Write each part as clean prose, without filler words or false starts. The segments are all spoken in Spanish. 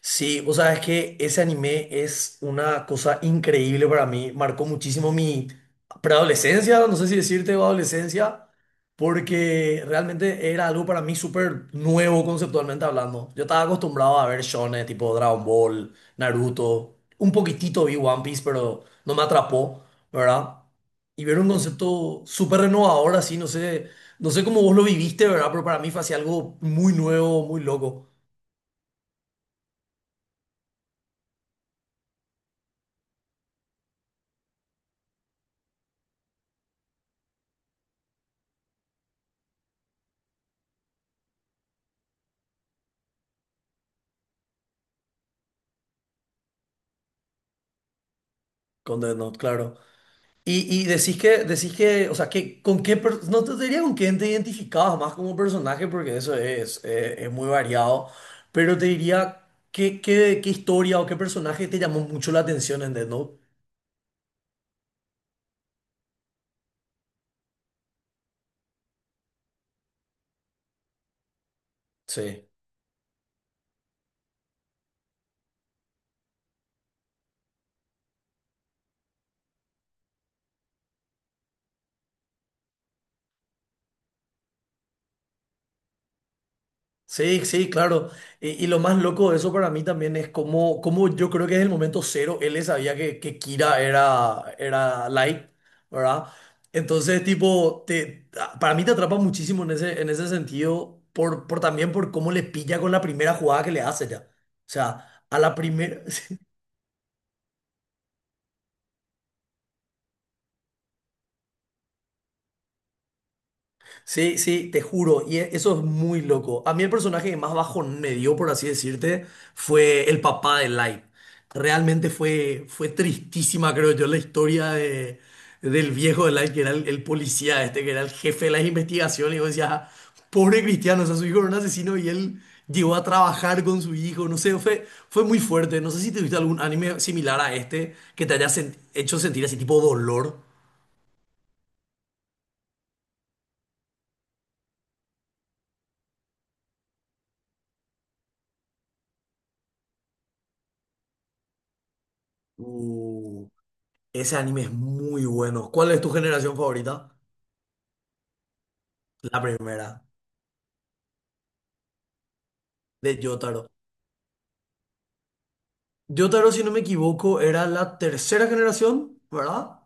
Sí, o sea, es que ese anime es una cosa increíble para mí. Marcó muchísimo mi preadolescencia, no sé si decirte o adolescencia, porque realmente era algo para mí súper nuevo conceptualmente hablando. Yo estaba acostumbrado a ver shonen tipo Dragon Ball, Naruto, un poquitito vi One Piece, pero no me atrapó, ¿verdad? Y ver un concepto súper renovador así, no sé, no sé cómo vos lo viviste, ¿verdad? Pero para mí fue así algo muy nuevo, muy loco con Death Note, claro. Y decís que, o sea, que con qué, no te diría con quién te identificabas más como personaje, porque eso es muy variado, pero te diría qué, qué, qué historia o qué personaje te llamó mucho la atención, ¿entendés? ¿No? Sí. Sí, sí, claro. Y lo más loco de eso para mí también es como, como yo creo que desde el momento cero él sabía que Kira era, era Light, ¿verdad? Entonces, tipo, para mí te atrapa muchísimo en ese sentido, por también por cómo le pilla con la primera jugada que le hace ya. O sea, a la primera. Sí, sí, te juro, y eso es muy loco. A mí el personaje que más bajo me dio, por así decirte, fue el papá de Light. Realmente fue, fue tristísima, creo yo, la historia de, del viejo de Light, que era el policía este, que era el jefe de las investigaciones, y vos decías, pobre Cristiano, o sea, su hijo era un asesino y él llegó a trabajar con su hijo, no sé, fue, fue muy fuerte. No sé si te viste algún anime similar a este que te haya hecho sentir así tipo dolor. Uh. Ese anime es muy bueno. ¿Cuál es tu generación favorita? La primera, de Jotaro. Jotaro, si no me equivoco, era la tercera generación, ¿verdad?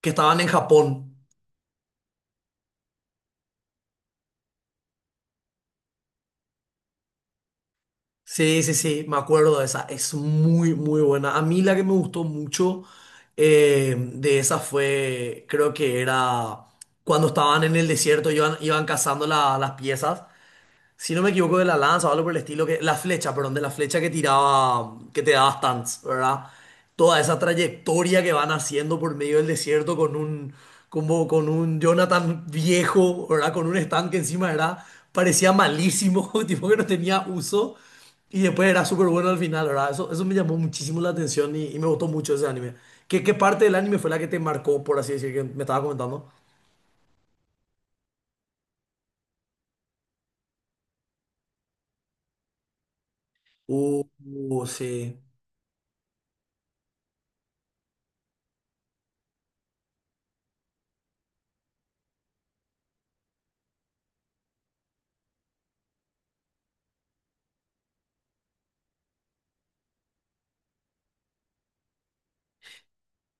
Que estaban en Japón. Sí, sí, sí, me acuerdo de esa. Es muy, muy buena. A mí la que me gustó mucho de esa fue, creo que era cuando estaban en el desierto, iban, iban cazando las piezas. Si no me equivoco, de la lanza o algo por el estilo, que, la flecha, perdón, de la flecha que tiraba, que te daba stunts, ¿verdad? Toda esa trayectoria que van haciendo por medio del desierto con un, como con un Jonathan viejo, ¿verdad? Con un stand que encima era, parecía malísimo, tipo que no tenía uso, y después era súper bueno al final, ¿verdad? Eso me llamó muchísimo la atención y me gustó mucho ese anime. ¿Qué, qué parte del anime fue la que te marcó, por así decir, que me estaba comentando? Uh, sí.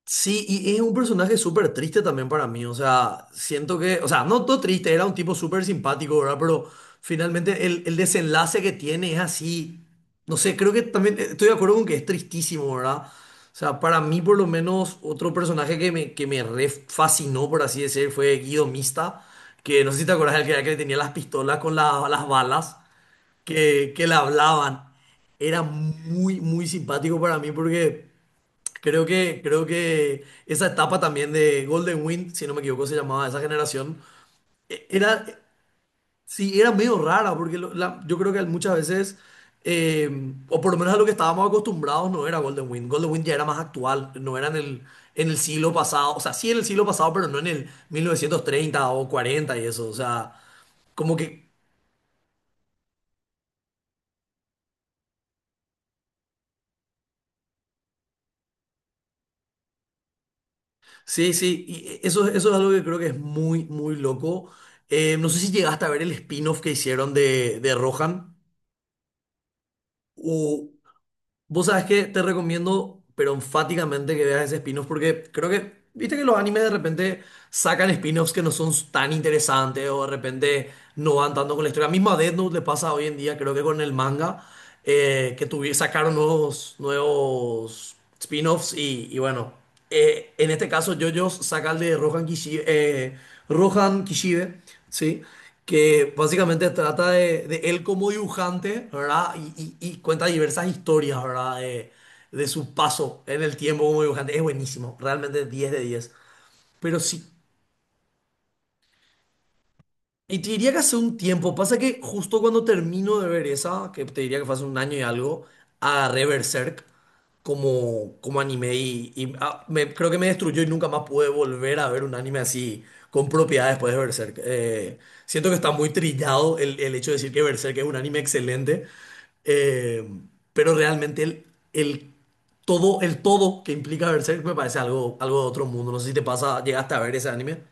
Sí, y es un personaje súper triste también para mí, o sea, siento que, o sea, no todo triste, era un tipo súper simpático, ¿verdad? Pero finalmente el desenlace que tiene es así, no sé, creo que también estoy de acuerdo con que es tristísimo, ¿verdad? O sea, para mí por lo menos otro personaje que me re fascinó, por así decir, fue Guido Mista, que no sé si te acuerdas del que, era que le tenía las pistolas con las balas que le hablaban. Era muy, muy simpático para mí porque... creo que esa etapa también de Golden Wind, si no me equivoco, se llamaba esa generación, era, sí, era medio rara, porque yo creo que muchas veces, eh, o por lo menos a lo que estábamos acostumbrados, no era Golden Wind. Golden Wind ya era más actual, no era en el siglo pasado, o sea, sí en el siglo pasado, pero no en el 1930 o 40 y eso, o sea, como que, sí, sí, eso, eso es algo que creo que es muy, muy loco. No sé si llegaste a ver el spin-off que hicieron de Rohan. Vos sabés que te recomiendo, pero enfáticamente que veas ese spin-off porque creo que, viste que los animes de repente sacan spin-offs que no son tan interesantes o de repente no van tanto con la historia. Misma Death Note le pasa hoy en día, creo que con el manga, que sacaron nuevos, nuevos spin-offs y bueno en este caso, JoJo's saca el de Rohan Kishibe, ¿sí? Que básicamente trata de él como dibujante, ¿verdad? Y cuenta diversas historias, ¿verdad? De su paso en el tiempo como dibujante. Es buenísimo, realmente 10 de diez. Pero sí. Y te diría que hace un tiempo, pasa que justo cuando termino de ver esa, que te diría que fue hace un año y algo, agarré Berserk como, como anime y, ah, creo que me destruyó y nunca más pude volver a ver un anime así con propiedad después de Berserk. Siento que está muy trillado el hecho de decir que Berserk es un anime excelente, eh, pero realmente el el todo que implica Berserk me parece algo, algo de otro mundo. No sé si te pasa, llegaste a ver ese anime.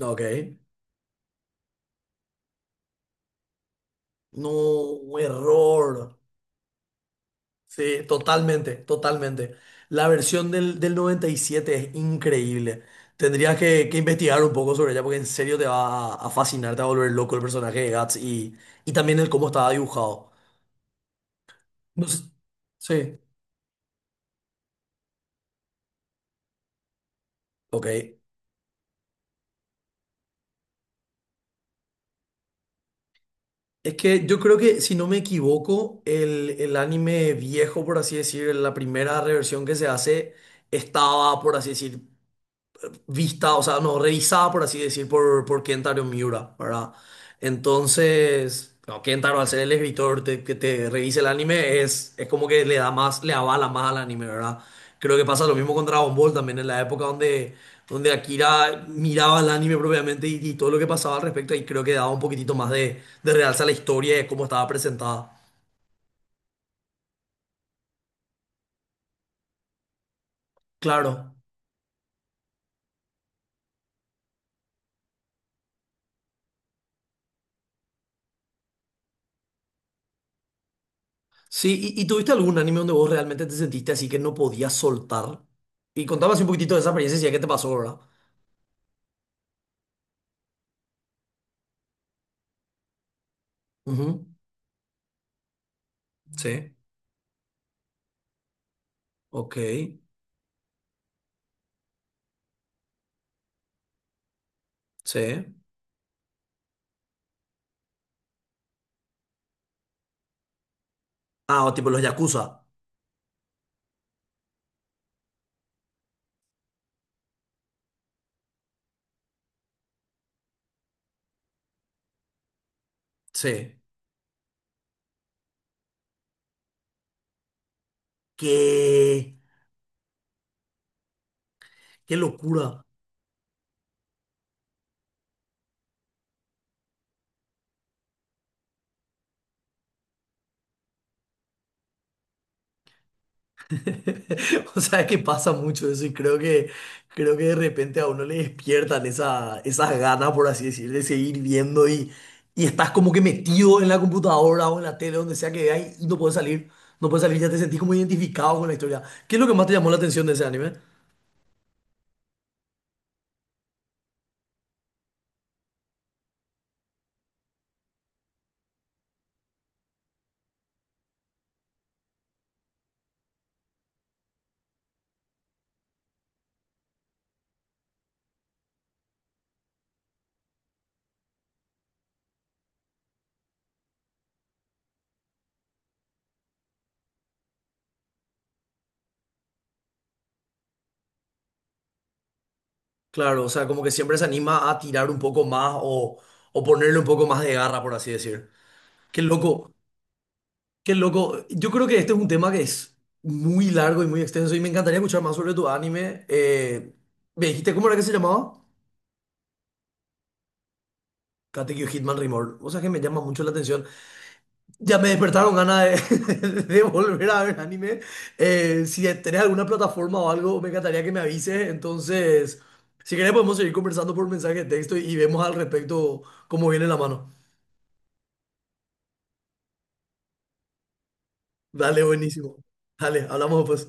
Ok. No, un error. Sí, totalmente, totalmente. La versión del, del 97 es increíble. Tendrías que investigar un poco sobre ella porque en serio te va a fascinar, te va a volver loco el personaje de Guts y también el cómo estaba dibujado. No sé. Sí, ok. Es que yo creo que, si no me equivoco, el anime viejo, por así decir, la primera reversión que se hace, estaba, por así decir, vista, o sea, no, revisada, por así decir, por Kentaro Miura, ¿verdad? Entonces, no, Kentaro, al ser el escritor que te revise el anime, es como que le da más, le avala más al anime, ¿verdad? Creo que pasa lo mismo con Dragon Ball también, en la época donde, donde Akira miraba el anime propiamente y todo lo que pasaba al respecto, y creo que daba un poquitito más de realza a la historia y de cómo estaba presentada. Claro. Sí, y tuviste algún anime donde vos realmente te sentiste así que no podías soltar? Y contame así un poquitito de esa experiencia y qué te pasó, ¿verdad? Ujú. Sí, ok, sí. Ah, o tipo los Yakuza. Sí. ¡Qué, qué locura! O sea, es que pasa mucho eso y creo que de repente a uno le despiertan esa, esas ganas, por así decir, de seguir viendo y estás como que metido en la computadora o en la tele, donde sea que veas y no puedes salir. No puedes salir, ya te sentís como identificado con la historia. ¿Qué es lo que más te llamó la atención de ese anime? Claro, o sea, como que siempre se anima a tirar un poco más o ponerle un poco más de garra, por así decir. Qué loco, qué loco. Yo creo que este es un tema que es muy largo y muy extenso y me encantaría escuchar más sobre tu anime. ¿me dijiste cómo era que se llamaba? Katekyo Hitman Reborn. O sea que me llama mucho la atención. Ya me despertaron ganas de, de volver a ver anime. Si tenés alguna plataforma o algo, me encantaría que me avises. Entonces, si querés podemos seguir conversando por mensaje de texto y vemos al respecto cómo viene la mano. Dale, buenísimo. Dale, hablamos pues.